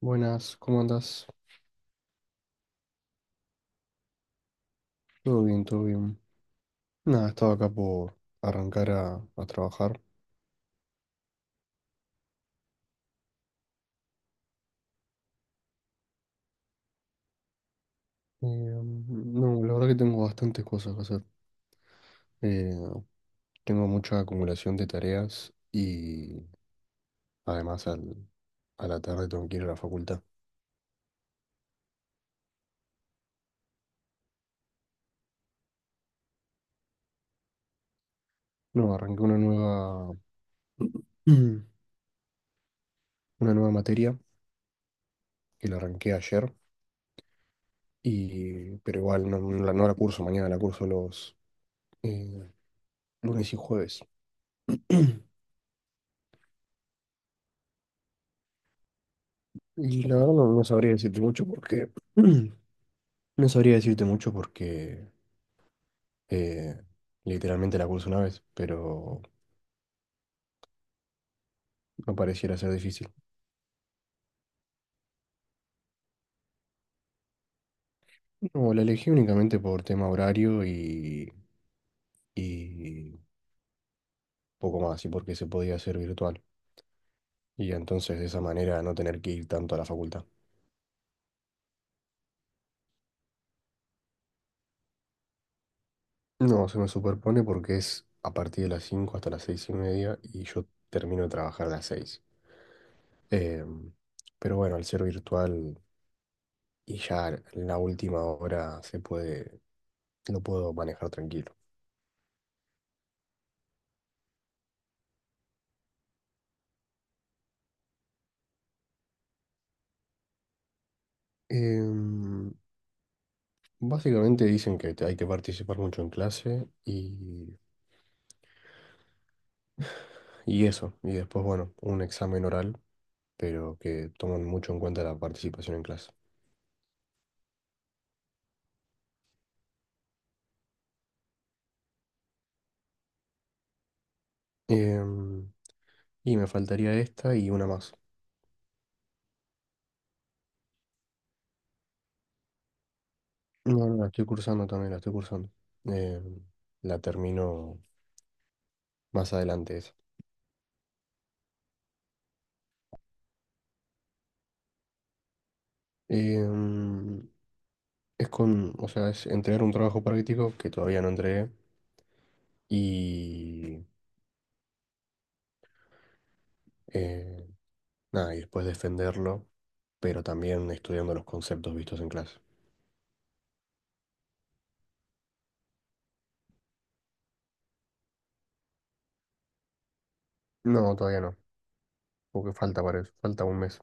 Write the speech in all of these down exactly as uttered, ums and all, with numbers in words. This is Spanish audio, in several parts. Buenas, ¿cómo andas? Todo bien, todo bien. Nada, estaba acá por arrancar a, a trabajar. Eh, no, la verdad que tengo bastantes cosas que hacer. Eh, tengo mucha acumulación de tareas y además al, a la tarde tengo que ir a la facultad. No, arranqué una nueva, una nueva materia que la arranqué ayer, y, pero igual no, no la, no la curso mañana, la curso los eh, lunes y jueves. Y la verdad no, no sabría decirte mucho porque no sabría decirte mucho porque eh, literalmente la curso una vez, pero no pareciera ser difícil. No, la elegí únicamente por tema horario y, y poco más, y porque se podía hacer virtual. Y entonces de esa manera no tener que ir tanto a la facultad. No, se me superpone porque es a partir de las cinco hasta las seis y media y yo termino de trabajar a las seis. Em, pero bueno, al ser virtual y ya en la última hora se puede, lo puedo manejar tranquilo. Em, básicamente dicen que te- hay que participar mucho en clase y, y eso. Y después, bueno, un examen oral, pero que toman mucho en cuenta la participación en clase. Em, y me faltaría esta y una más. No, no, la estoy cursando también, la estoy cursando. Em, la termino más adelante esa. Em, es con, o sea, es entregar un trabajo práctico que todavía no entregué y... eh, nada, y después defenderlo, pero también estudiando los conceptos vistos en clase. No, todavía no, porque falta para eso, falta un mes.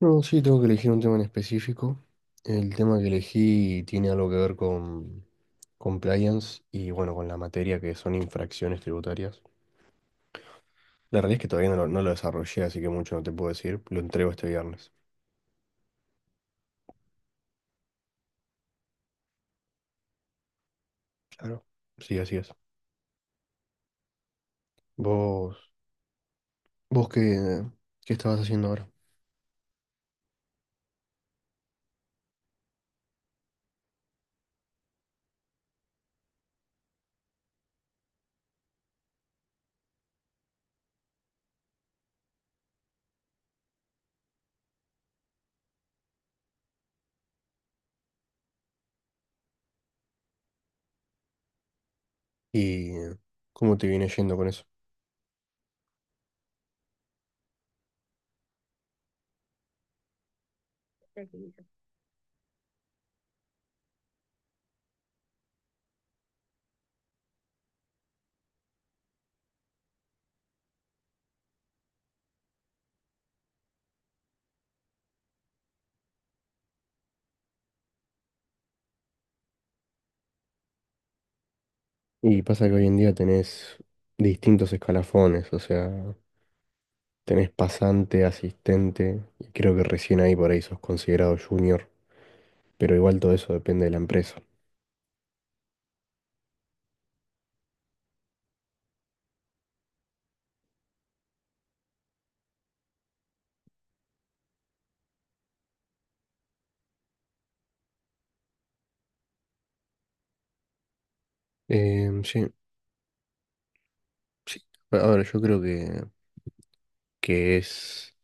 No, sí, tengo que elegir un tema en específico. El tema que elegí tiene algo que ver con compliance y bueno, con la materia que son infracciones tributarias. La realidad es que todavía no lo, no lo desarrollé, así que mucho no te puedo decir. Lo entrego este viernes. Claro. Sí, así es. ¿Vos, vos qué, qué estabas haciendo ahora? ¿Y eh, cómo te viene yendo con eso? Y pasa que hoy en día tenés distintos escalafones, o sea, tenés pasante, asistente, y creo que recién ahí por ahí sos considerado junior, pero igual todo eso depende de la empresa. Eh, sí, sí, a ver, yo creo que, que es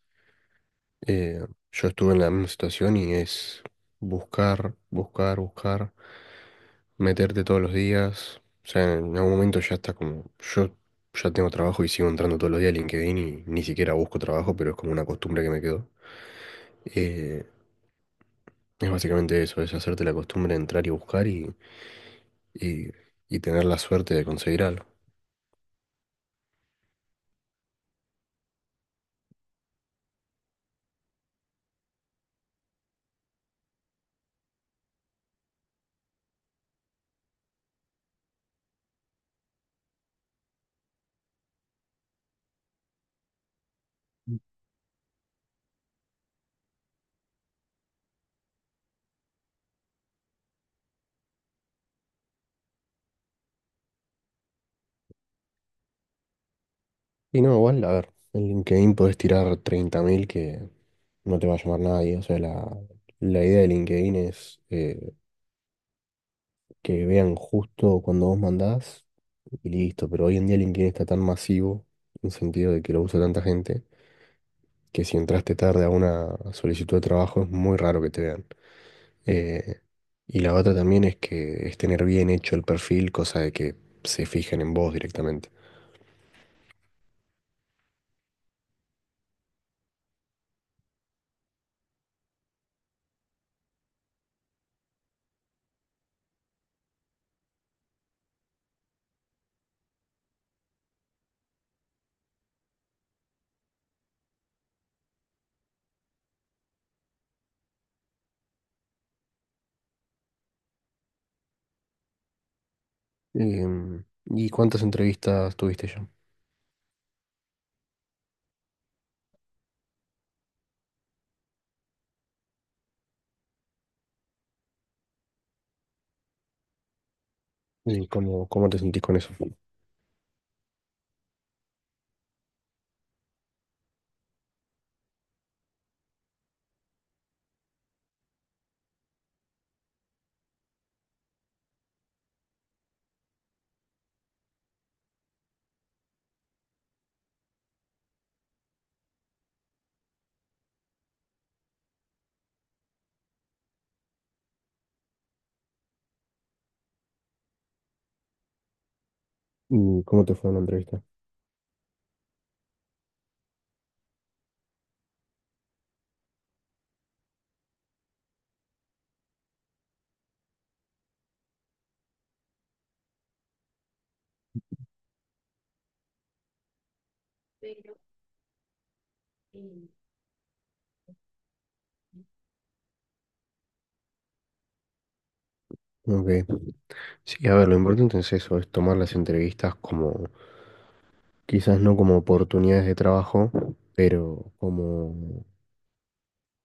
Eh, yo estuve en la misma situación y es buscar, buscar, buscar, meterte todos los días. O sea, en algún momento ya está como, yo ya tengo trabajo y sigo entrando todos los días a LinkedIn y ni siquiera busco trabajo, pero es como una costumbre que me quedó. Eh, es básicamente eso, es hacerte la costumbre de entrar y buscar y, y, y tener la suerte de conseguir algo. Y no, igual, a ver, en LinkedIn podés tirar treinta mil que no te va a llamar nadie. O sea, la, la idea de LinkedIn es eh, que vean justo cuando vos mandás y listo. Pero hoy en día LinkedIn está tan masivo, en el sentido de que lo usa tanta gente, que si entraste tarde a una solicitud de trabajo es muy raro que te vean. Eh, y la otra también es que es tener bien hecho el perfil, cosa de que se fijen en vos directamente. Em, ¿y cuántas entrevistas tuviste ya? ¿Y cómo, cómo te sentís con eso? ¿Y cómo te fue en la entrevista? Ok. Sí, a ver, lo importante es eso, es tomar las entrevistas como, quizás no como oportunidades de trabajo, pero como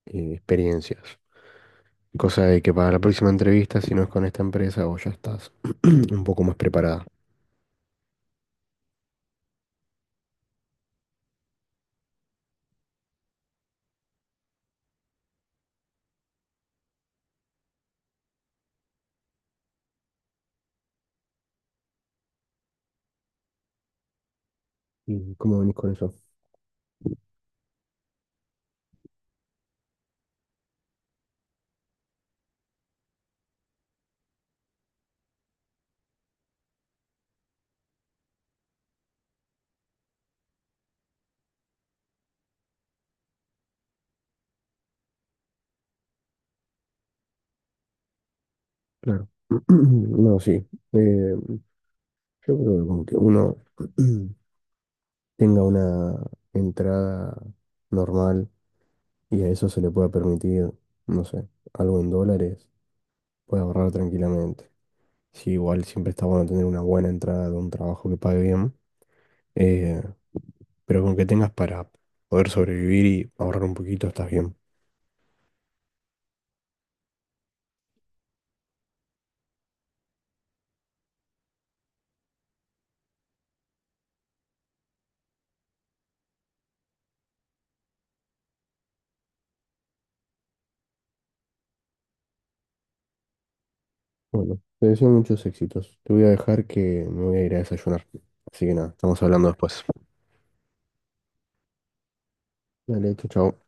eh, experiencias. Cosa de que para la próxima entrevista, si no es con esta empresa, vos ya estás un poco más preparada. ¿Y cómo venís con eso? Claro. No, sí. Eh, yo creo que con que uno tenga una entrada normal y a eso se le puede permitir, no sé, algo en dólares, puede ahorrar tranquilamente. Sí, igual siempre está bueno tener una buena entrada de un trabajo que pague bien, eh, pero con que tengas para poder sobrevivir y ahorrar un poquito, estás bien. Bueno, te deseo muchos éxitos. Te voy a dejar que me voy a ir a desayunar. Así que nada, estamos hablando después. Dale, chau, chau.